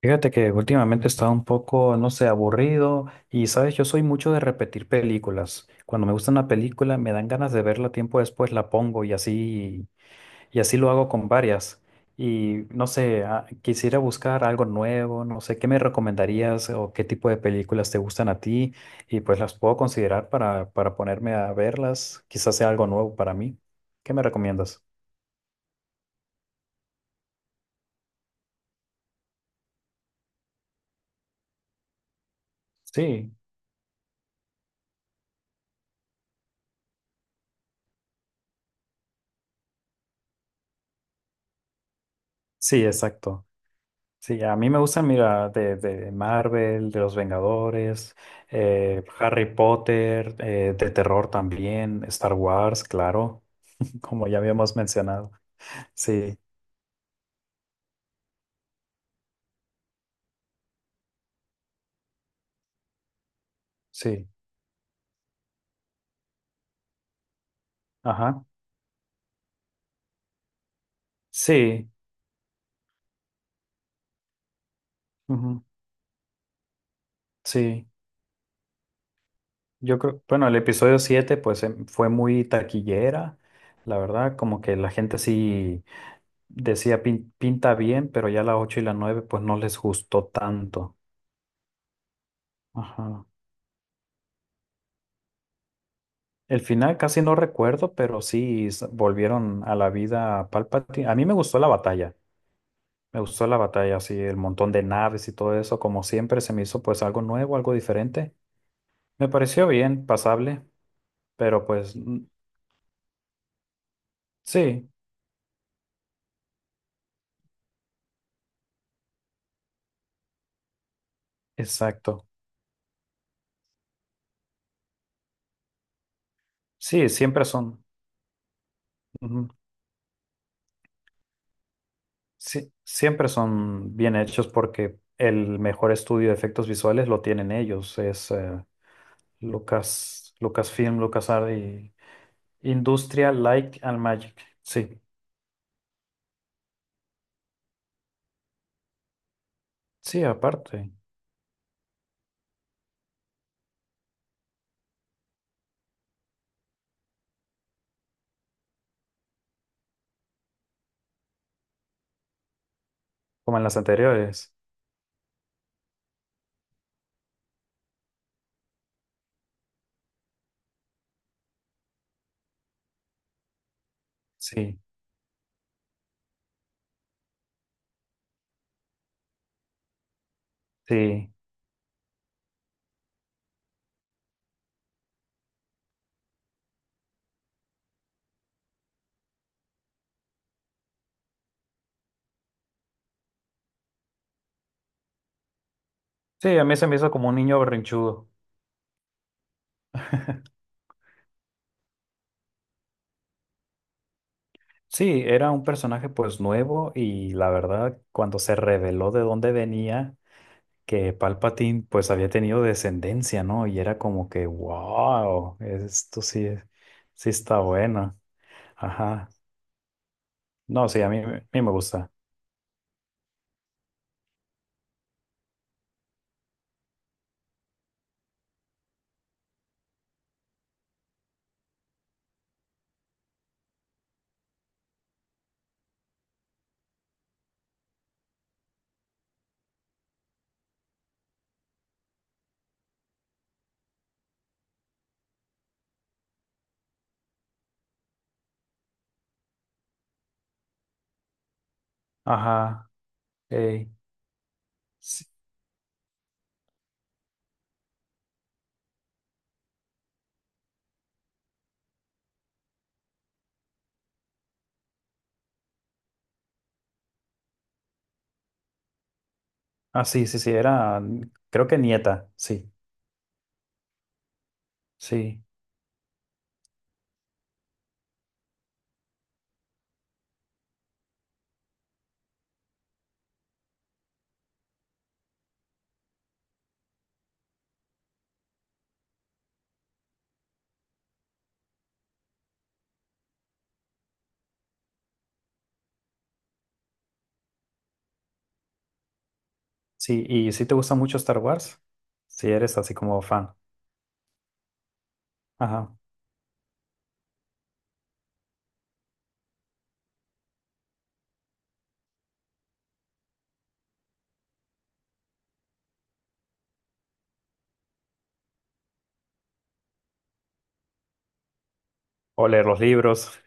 Fíjate que últimamente he estado un poco, no sé, aburrido y, sabes, yo soy mucho de repetir películas. Cuando me gusta una película, me dan ganas de verla tiempo después, la pongo y así lo hago con varias. Y no sé, quisiera buscar algo nuevo, no sé, ¿qué me recomendarías o qué tipo de películas te gustan a ti? Y pues las puedo considerar para ponerme a verlas. Quizás sea algo nuevo para mí. ¿Qué me recomiendas? Sí, sí, exacto. Sí, a mí me gustan, mira, de Marvel, de los Vengadores, Harry Potter, de terror también, Star Wars, claro, como ya habíamos mencionado. Sí, sí, ajá, sí, ujú, sí. Yo creo, bueno, el episodio 7, pues fue muy taquillera, la verdad, como que la gente sí decía: Pinta bien", pero ya la 8 y la 9, pues no les gustó tanto. Ajá. El final casi no recuerdo, pero sí, volvieron a la vida a Palpatine. A mí me gustó la batalla. Me gustó la batalla, así, el montón de naves y todo eso. Como siempre, se me hizo pues algo nuevo, algo diferente. Me pareció bien, pasable, pero pues mm, sí, exacto. Sí, siempre son, ujú, sí, siempre son bien hechos porque el mejor estudio de efectos visuales lo tienen ellos. Es Lucas, Lucasfilm, LucasArts y Industrial Light and Magic. Sí. Sí, aparte, como en las anteriores. Sí, sí. Sí, a mí se me hizo como un niño berrinchudo. Sí, era un personaje pues nuevo y la verdad, cuando se reveló de dónde venía, que Palpatine pues había tenido descendencia, ¿no? Y era como que, wow, esto sí, sí está bueno. Ajá. No, sí, a mí me gusta. Ajá. Ey, sí. Ah, sí, sí, sí, era, creo que nieta, sí, sí. Sí, y si te gusta mucho Star Wars, si eres así como fan. Ajá. O leer los libros.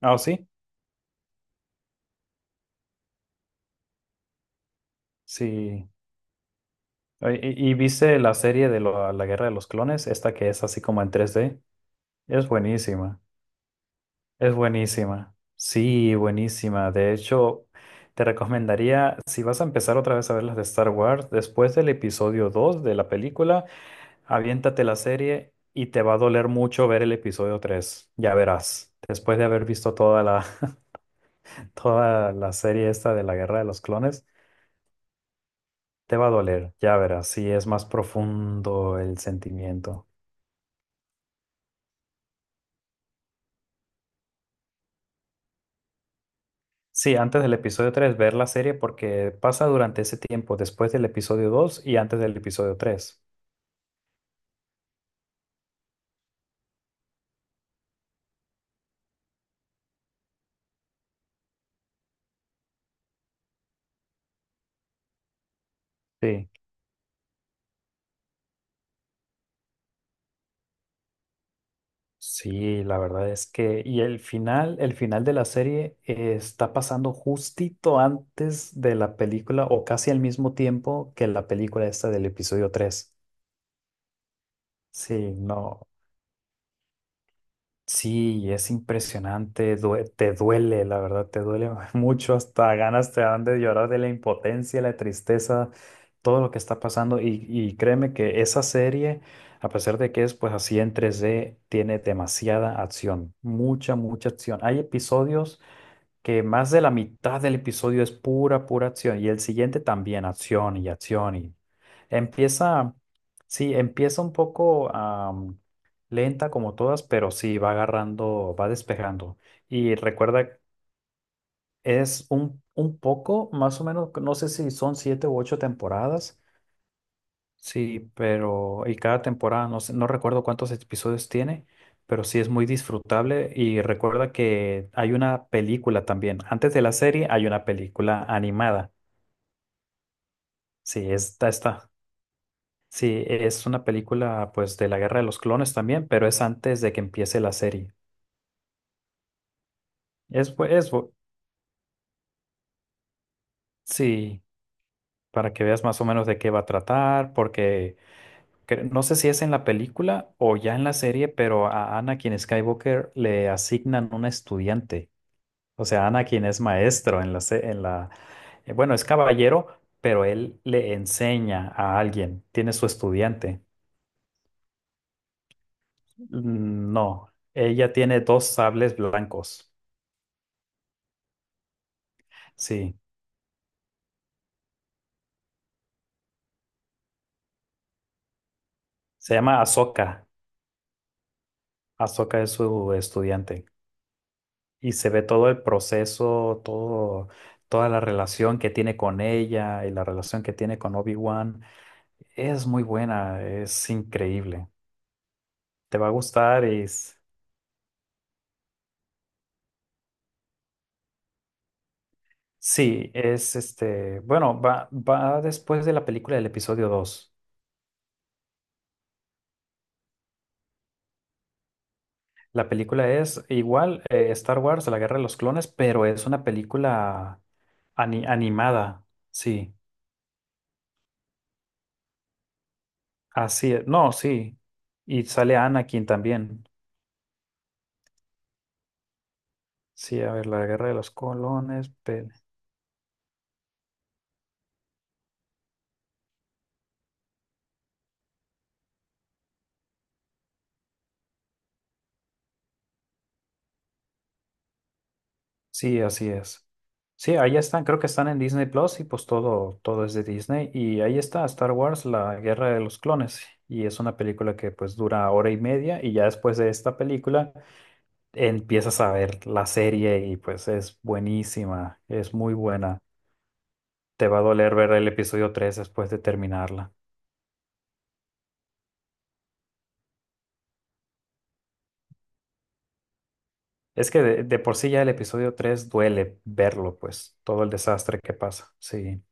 Ah, ¿o sí, sí? Oye, ¿y viste la serie de la Guerra de los Clones? Esta que es así como en 3D. Es buenísima. Es buenísima. Sí, buenísima. De hecho, te recomendaría, si vas a empezar otra vez a ver las de Star Wars, después del episodio 2 de la película, aviéntate la serie y te va a doler mucho ver el episodio tres. Ya verás. Después de haber visto toda la serie esta de la Guerra de los Clones, te va a doler, ya verás, si es más profundo el sentimiento. Sí, antes del episodio 3 ver la serie porque pasa durante ese tiempo, después del episodio 2 y antes del episodio tres. Sí. Sí, la verdad es que, y el final de la serie está pasando justito antes de la película o casi al mismo tiempo que la película esta del episodio 3. Sí, no. Sí, y es impresionante, te duele, la verdad, te duele mucho, hasta ganas te dan de llorar de la impotencia, la tristeza, todo lo que está pasando. Y créeme que esa serie, a pesar de que es pues así en 3D, tiene demasiada acción, mucha, mucha acción. Hay episodios que más de la mitad del episodio es pura, pura acción y el siguiente también, acción y acción y empieza, sí, empieza un poco lenta como todas, pero sí, va agarrando, va despejando. Y recuerda, es un poco, más o menos, no sé si son siete u ocho temporadas. Sí, pero y cada temporada, no recuerdo cuántos episodios tiene, pero sí es muy disfrutable y recuerda que hay una película también. Antes de la serie hay una película animada. Sí, esta está. Sí, es una película pues de la Guerra de los Clones también, pero es antes de que empiece la serie. Es, bu- es bu- sí, para que veas más o menos de qué va a tratar, porque no sé si es en la película o ya en la serie, pero a Anakin Skywalker le asignan un estudiante. O sea, Anakin es maestro en la, bueno, es caballero, pero él le enseña a alguien, tiene su estudiante. Mm, no, ella tiene dos sables blancos. Sí, se llama Ahsoka. Ahsoka es su estudiante y se ve todo el proceso, todo, toda la relación que tiene con ella y la relación que tiene con Obi-Wan. Es muy buena, es increíble. Te va a gustar Sí, es este, bueno, va después de la película del episodio 2. La película es igual, Star Wars, La Guerra de los Clones, pero es una película animada. Sí, así es. No, sí. Y sale Anakin también. Sí, a ver, La Guerra de los Clones. Sí, así es. Sí, ahí están, creo que están en Disney Plus y pues todo, todo es de Disney. Y ahí está Star Wars, La Guerra de los Clones. Y es una película que pues dura hora y media y ya después de esta película empiezas a ver la serie y pues es buenísima, es muy buena. Te va a doler ver el episodio 3 después de terminarla. Es que de por sí ya el episodio 3 duele verlo, pues todo el desastre que pasa. Sí.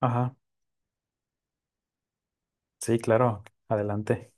Ajá, sí, claro, adelante.